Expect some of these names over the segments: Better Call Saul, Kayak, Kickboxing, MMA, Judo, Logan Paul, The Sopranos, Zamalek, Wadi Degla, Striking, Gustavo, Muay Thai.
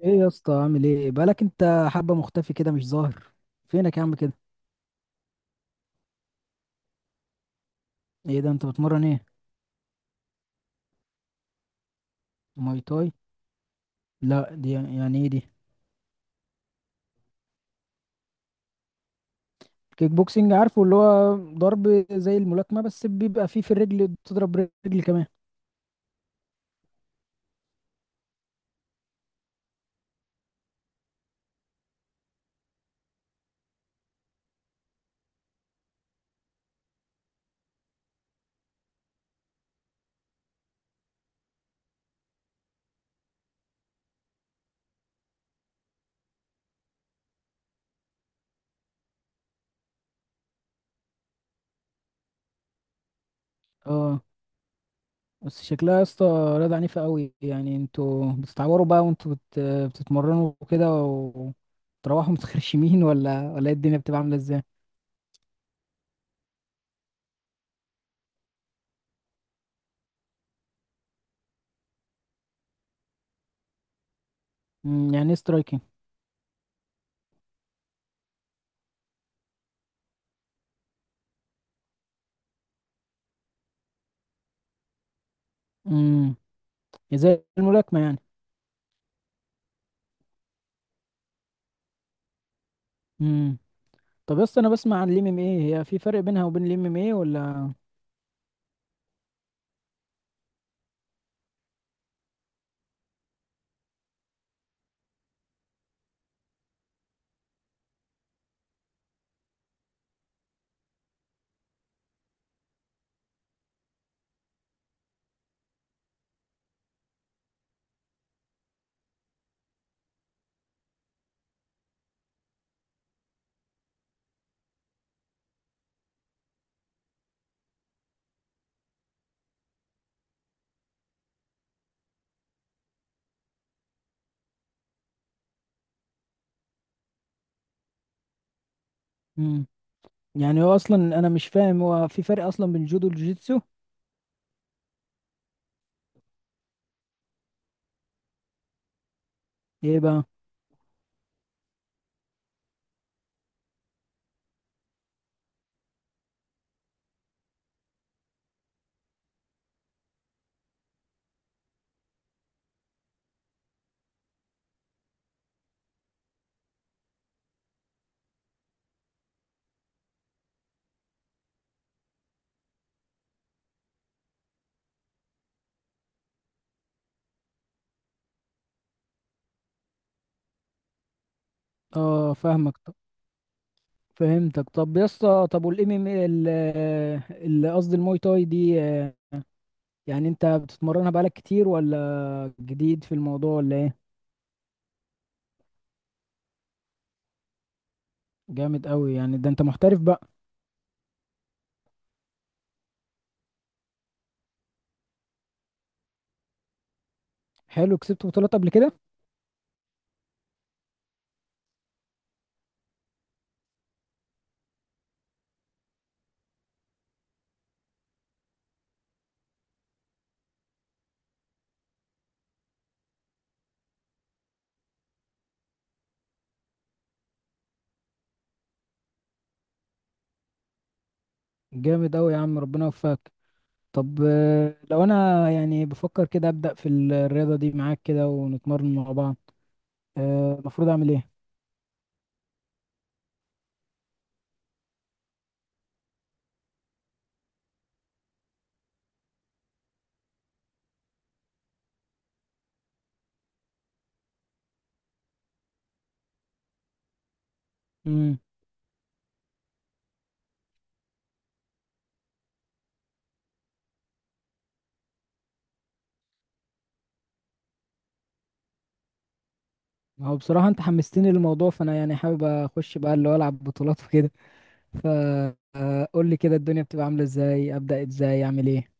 ايه يا اسطى؟ عامل ايه؟ بقالك انت حبه مختفي كده، مش ظاهر. فينك يا عم كده؟ ايه ده؟ انت بتمرن ايه؟ ماي تاي؟ لا، دي يعني ايه دي؟ كيك بوكسنج عارفه، اللي هو ضرب زي الملاكمه، بس بيبقى فيه في الرجل بتضرب رجل كمان. اه. بس شكلها يا اسطى رياضه عنيفه قوي. يعني انتوا بتتعوروا بقى، وانتوا بتتمرنوا كده، وتروحوا متخرشمين ولا ايه الدنيا بتبقى عامله ازاي؟ يعني ايه سترايكنج؟ امم زي الملاكمه يعني. امم طب يا اسطى، انا بسمع عن الام ام ايه، هي في فرق بينها وبين الام ام ايه ولا؟ مم. يعني هو اصلا انا مش فاهم، هو في فرق اصلا بين الجودو والجوجيتسو؟ ايه بقى؟ اه فاهمك، فهمتك. طب يا اسطى، طب والام ام ايه، اللي قصدي الموي تاي دي، يعني انت بتتمرنها بقالك كتير ولا جديد في الموضوع ولا ايه؟ جامد قوي! يعني ده انت محترف بقى. حلو، كسبت بطولات قبل كده؟ جامد قوي يا عم، ربنا يوفقك. طب لو انا يعني بفكر كده ابدا في الرياضه دي معاك كده، ونتمرن مع بعض، المفروض اعمل ايه؟ امم هو بصراحه انت حمستني للموضوع، فانا يعني حابب اخش بقى اللي هو العب بطولات وكده. فقول لي كده الدنيا بتبقى عامله ازاي، ابدا ازاي، اعمل ايه؟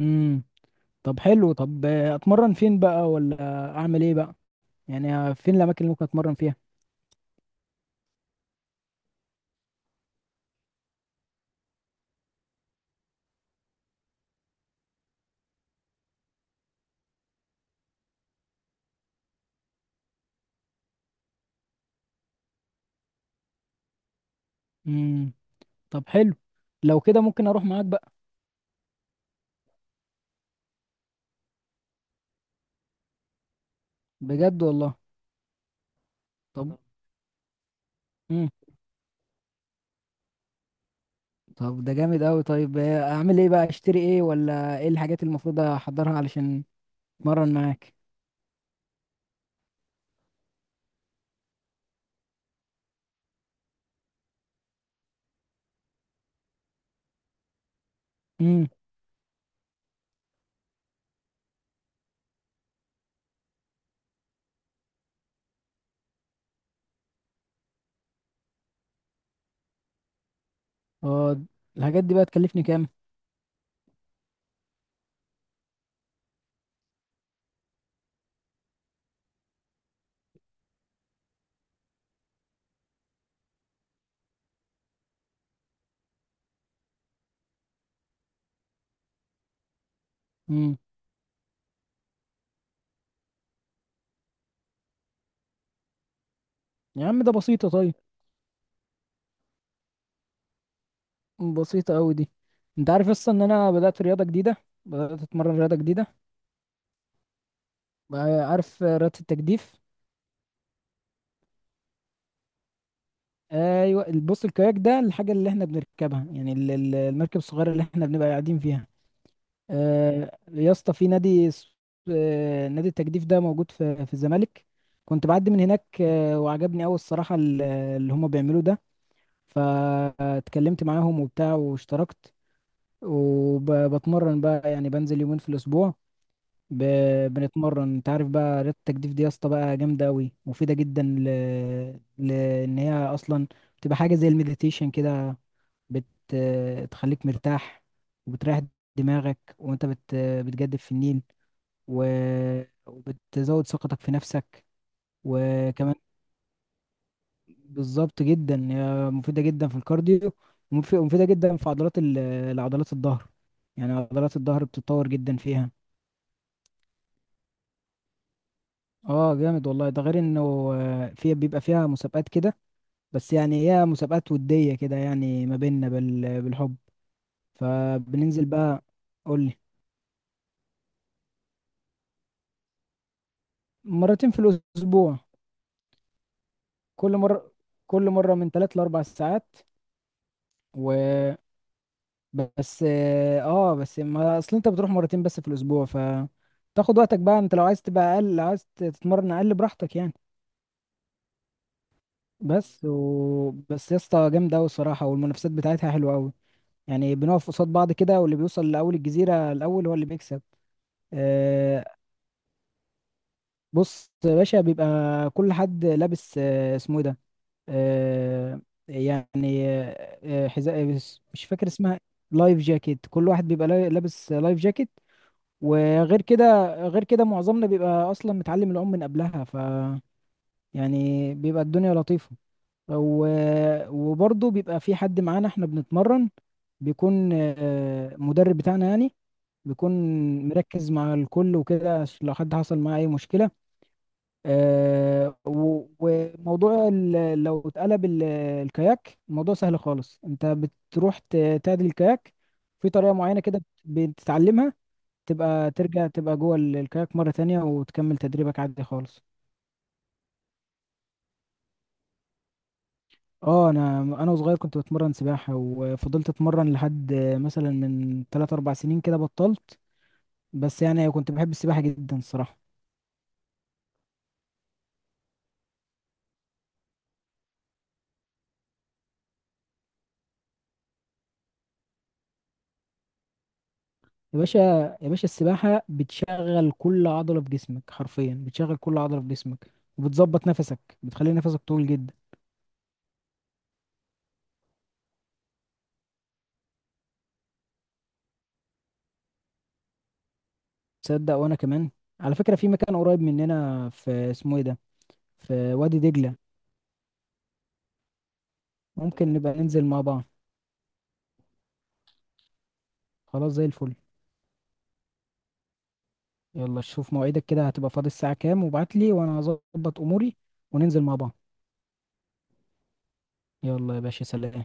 امم طب حلو. طب اتمرن فين بقى، ولا اعمل ايه بقى؟ يعني فين الاماكن اللي ممكن اتمرن فيها؟ امم طب حلو، لو كده ممكن اروح معاك بقى. بجد والله. طب، امم طب ده جامد قوي. طيب اعمل ايه بقى؟ اشتري ايه؟ ولا ايه الحاجات اللي المفروض احضرها علشان اتمرن معاك؟ اه، الحاجات دي بقى تكلفني كام؟ امم يا عم ده بسيطة. طيب، بسيطة قوي دي. انت عارف اصلا ان انا بدأت اتمرن رياضة جديدة بقى؟ عارف رياضة التجديف؟ ايوه، بص، الكاياك ده الحاجة اللي احنا بنركبها، يعني المركب الصغيرة اللي احنا بنبقى قاعدين فيها. يا اسطى، في نادي اس- آه، نادي التجديف ده، موجود في الزمالك. كنت بعدي من هناك، وعجبني قوي الصراحة اللي هما بيعملوه ده. فاتكلمت معاهم وبتاع، واشتركت. وبتمرن بقى يعني، بنزل يومين في الاسبوع. ب... بنتمرن. انت عارف بقى، رياضة التجديف دي يا اسطى بقى جامدة قوي، مفيدة جدا لان هي اصلا بتبقى حاجة زي المديتيشن كده. بتخليك مرتاح، وبتريح دماغك وانت بتجدف في النيل، و... وبتزود ثقتك في نفسك. وكمان، بالظبط جدا، هي مفيدة جدا في الكارديو، ومفيدة جدا في عضلات العضلات الظهر. يعني عضلات الظهر بتتطور جدا فيها. اه جامد والله. ده غير انه في بيبقى فيها مسابقات كده، بس يعني هي مسابقات ودية كده، يعني ما بيننا بالحب. فبننزل بقى. قولي. مرتين في الأسبوع. كل مرة كل مرة من 3 ل4 ساعات. بس. اه بس، ما اصل انت بتروح مرتين بس في الاسبوع، ف تاخد وقتك بقى. انت لو عايز تبقى اقل، لو عايز تتمرن اقل، براحتك يعني. بس يا اسطى جامده قوي الصراحه، والمنافسات بتاعتها حلوه قوي. يعني بنقف قصاد بعض كده، واللي بيوصل لاول الجزيره الاول هو اللي بيكسب. آه بص يا باشا، بيبقى كل حد لابس، اسمه ايه ده؟ آه يعني، حذاء، مش فاكر اسمها، لايف جاكيت. كل واحد بيبقى لابس لايف جاكيت. وغير كده، غير كده معظمنا بيبقى اصلا متعلم العوم من قبلها، ف يعني بيبقى الدنيا لطيفة. و... وبرضه بيبقى في حد معانا احنا بنتمرن، بيكون مدرب بتاعنا يعني، بيكون مركز مع الكل وكده، عشان لو حد حصل معاه اي مشكلة. وموضوع لو اتقلب الكاياك، الموضوع سهل خالص. انت بتروح تعدل الكاياك في طريقة معينة كده، بتتعلمها. تبقى ترجع تبقى جوه الكاياك مرة تانية، وتكمل تدريبك عادي خالص. اه، انا وصغير كنت بتمرن سباحة، وفضلت اتمرن لحد مثلا من 3 4 سنين كده بطلت. بس يعني كنت بحب السباحة جدا الصراحة. يا باشا، يا باشا السباحة بتشغل كل عضلة في جسمك، حرفيا بتشغل كل عضلة في جسمك، وبتظبط نفسك، بتخلي نفسك طويل جدا. تصدق وانا كمان! على فكرة، في مكان قريب مننا، في اسمه ايه ده، في وادي دجلة. ممكن نبقى ننزل مع بعض. خلاص، زي الفل. يلا شوف مواعيدك كده، هتبقى فاضي الساعة كام، وابعت لي وانا هظبط اموري، وننزل مع بعض. يلا يا باشا، سلام.